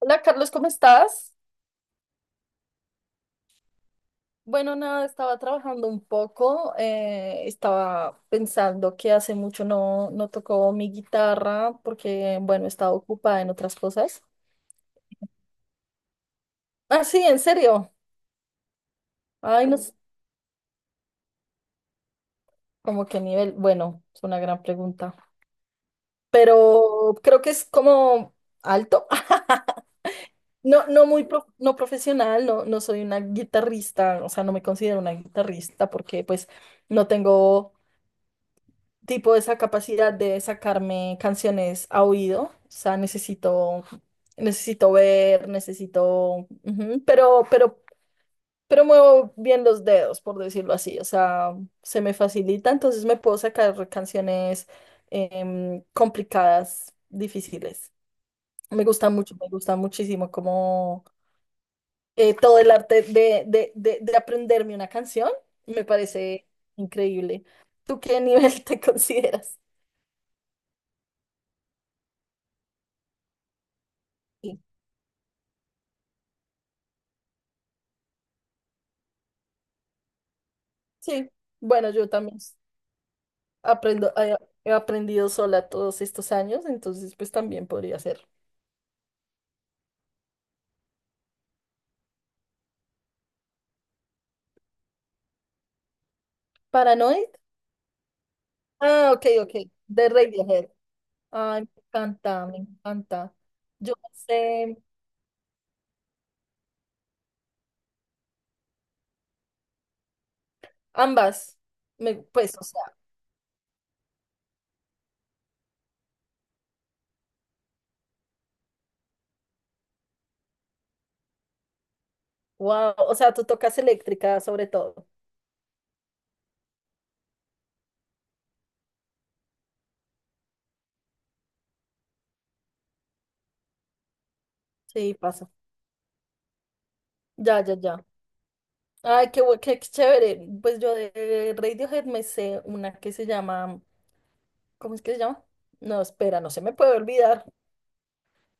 Hola Carlos, ¿cómo estás? Bueno, nada, estaba trabajando un poco, estaba pensando que hace mucho no tocó mi guitarra porque, bueno, estaba ocupada en otras cosas. Ah, sí, en serio. Ay, no sé, como qué nivel. Bueno, es una gran pregunta, pero creo que es como alto. No, no muy no profesional, no, no soy una guitarrista, o sea, no me considero una guitarrista porque pues no tengo tipo esa capacidad de sacarme canciones a oído, o sea, necesito ver, necesito, ujú, pero muevo bien los dedos, por decirlo así, o sea, se me facilita, entonces me puedo sacar canciones complicadas, difíciles. Me gusta mucho, me gusta muchísimo como todo el arte de aprenderme una canción, me parece increíble. ¿Tú qué nivel te consideras? Sí, bueno, yo también aprendo, he aprendido sola todos estos años, entonces pues también podría ser. Paranoid. Ah, ok, ok. De Radiohead. Ay, me encanta, me encanta. Yo no sé ambas. Me, pues, o sea, wow. O sea, tú tocas eléctrica sobre todo. Sí, pasa. Ya, ya, ya. Ay, qué chévere. Pues yo de Radiohead me sé una que se llama, ¿cómo es que se llama? No, espera, no se me puede olvidar.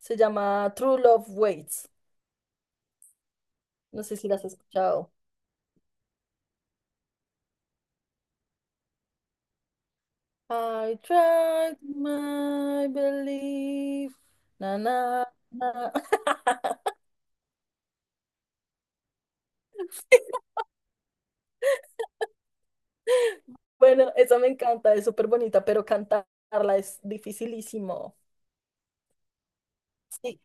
Se llama True Love Waits. No sé si las has escuchado. I tried my belief. Na, na, na. Bueno, esa me encanta, es súper bonita, pero cantarla es dificilísimo. Sí,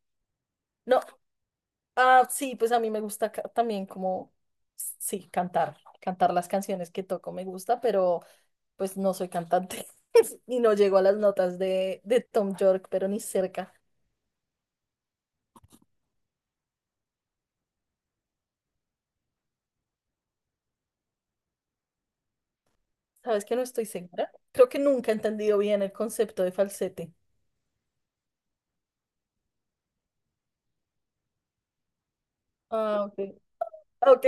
no, ah, sí, pues a mí me gusta también como, sí, cantar, cantar las canciones que toco me gusta, pero pues no soy cantante y no llego a las notas de Tom York, pero ni cerca. ¿Sabes que no estoy segura? Creo que nunca he entendido bien el concepto de falsete. Ah, ok. Ok,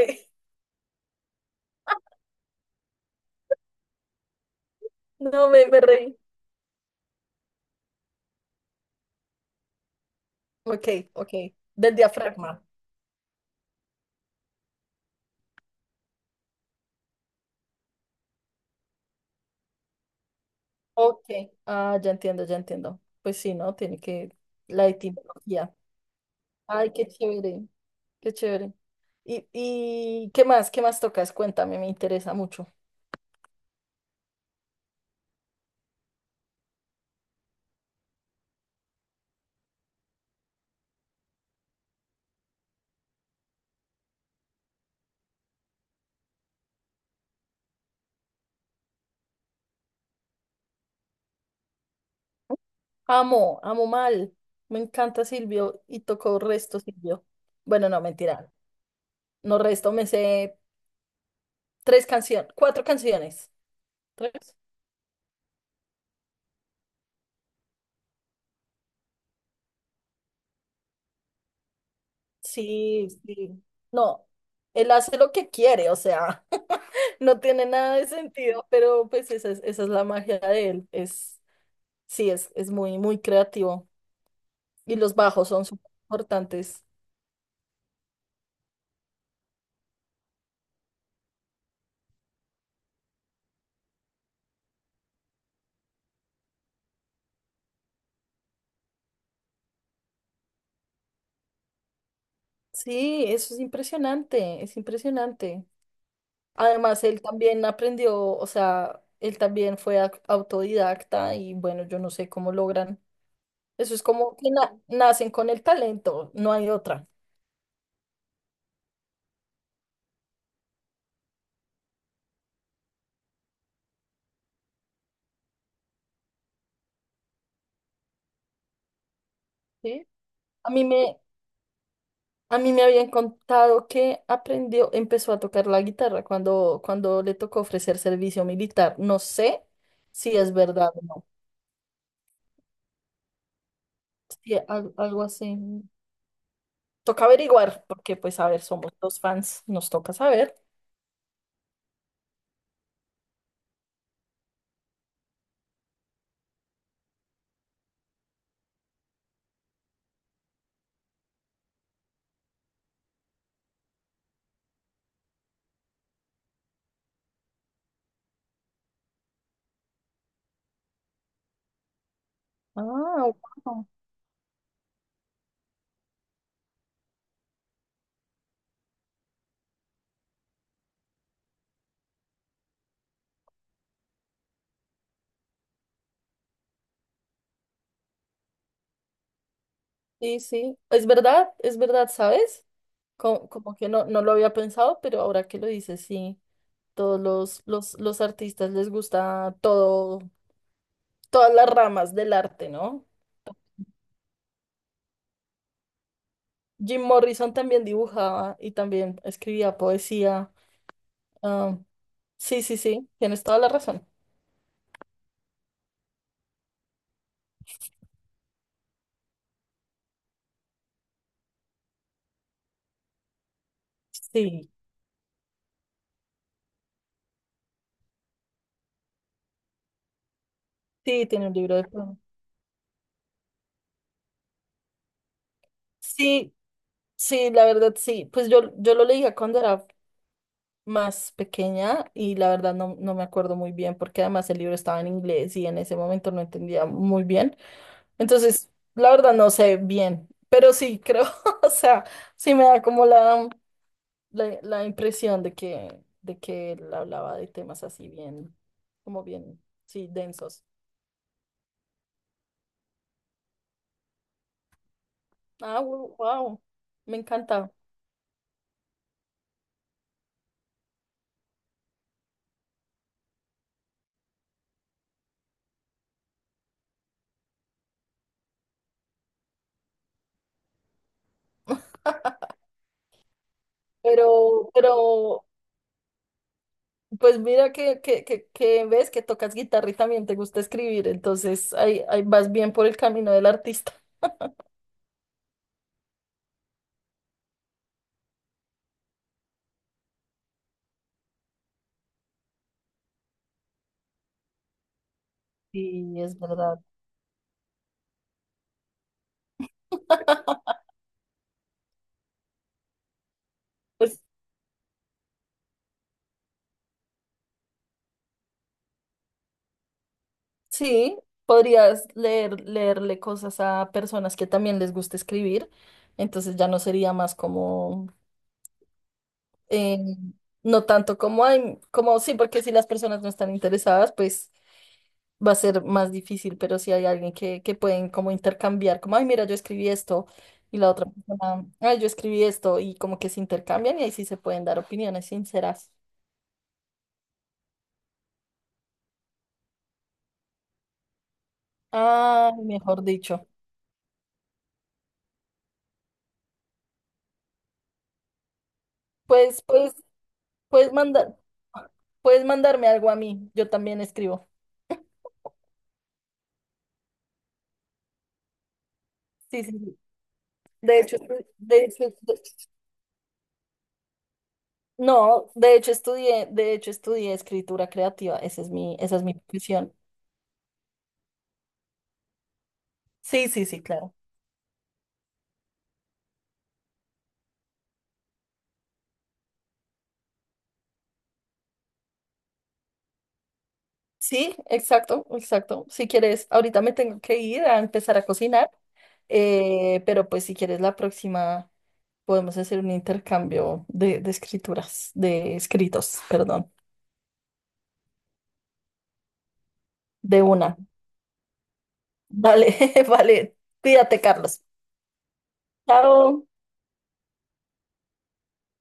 no me, me reí. Ok, ok, del diafragma. Ok, ah, ya entiendo, ya entiendo. Pues sí, ¿no? Tiene que la etimología. Ay, qué chévere, qué chévere. Y qué más? ¿Qué más tocas? Cuéntame, me interesa mucho. Amo, amo mal. Me encanta Silvio y tocó resto Silvio. Bueno, no, mentira. No resto, me sé tres canciones, cuatro canciones. ¿Tres? Sí, sí. No, él hace lo que quiere, o sea, no tiene nada de sentido, pero pues esa es la magia de él. Es, sí, es muy, muy creativo. Y los bajos son súper importantes. Sí, eso es impresionante, es impresionante. Además, él también aprendió, o sea, él también fue autodidacta y bueno, yo no sé cómo logran. Eso es como que nacen con el talento, no hay otra. ¿Sí? A mí me, A mí me habían contado que aprendió, empezó a tocar la guitarra cuando, cuando le tocó ofrecer servicio militar. No sé si es verdad o no. Sí, algo así. Toca averiguar, porque pues a ver, somos dos fans, nos toca saber. Ah, wow. Sí, sí. Es verdad, ¿sabes? Como, que no, no lo había pensado, pero ahora que lo dices, sí. Todos los artistas les gusta todo, todas las ramas del arte, ¿no? Jim Morrison también dibujaba y también escribía poesía. Ah, sí, sí, sí, tienes toda la razón. Sí, sí, tiene un libro de poemas. Sí, sí, la verdad, sí. Pues yo lo leía cuando era más pequeña y la verdad no, no me acuerdo muy bien porque además el libro estaba en inglés y en ese momento no entendía muy bien. Entonces, la verdad no sé bien, pero sí creo, o sea, sí me da como la, impresión de que él hablaba de temas así bien, como bien, sí, densos. Ah, wow, me encanta. Pero, pero, pues mira que ves que tocas guitarra y también te gusta escribir, entonces ahí vas bien por el camino del artista. Sí, es verdad. Pues sí, podrías leer, leerle cosas a personas que también les gusta escribir, entonces ya no sería más como eh, no tanto como hay, como sí, porque si las personas no están interesadas, pues va a ser más difícil, pero si hay alguien que pueden como intercambiar, como, ay, mira, yo escribí esto, y la otra persona, ay, yo escribí esto, y como que se intercambian y ahí sí se pueden dar opiniones sinceras. Ah, mejor dicho. Pues, pues, puedes mandar, puedes mandarme algo a mí, yo también escribo. Sí, sí, sí. De hecho, estoy- de hecho, No, de hecho estudié escritura creativa, esa es mi profesión. Sí, sí, sí, claro. Sí, exacto, exacto. Si quieres, ahorita me tengo que ir a empezar a cocinar, pero pues si quieres la próxima podemos hacer un intercambio de escrituras, de escritos, perdón, de una. Vale, vale. Cuídate, Carlos. Chao.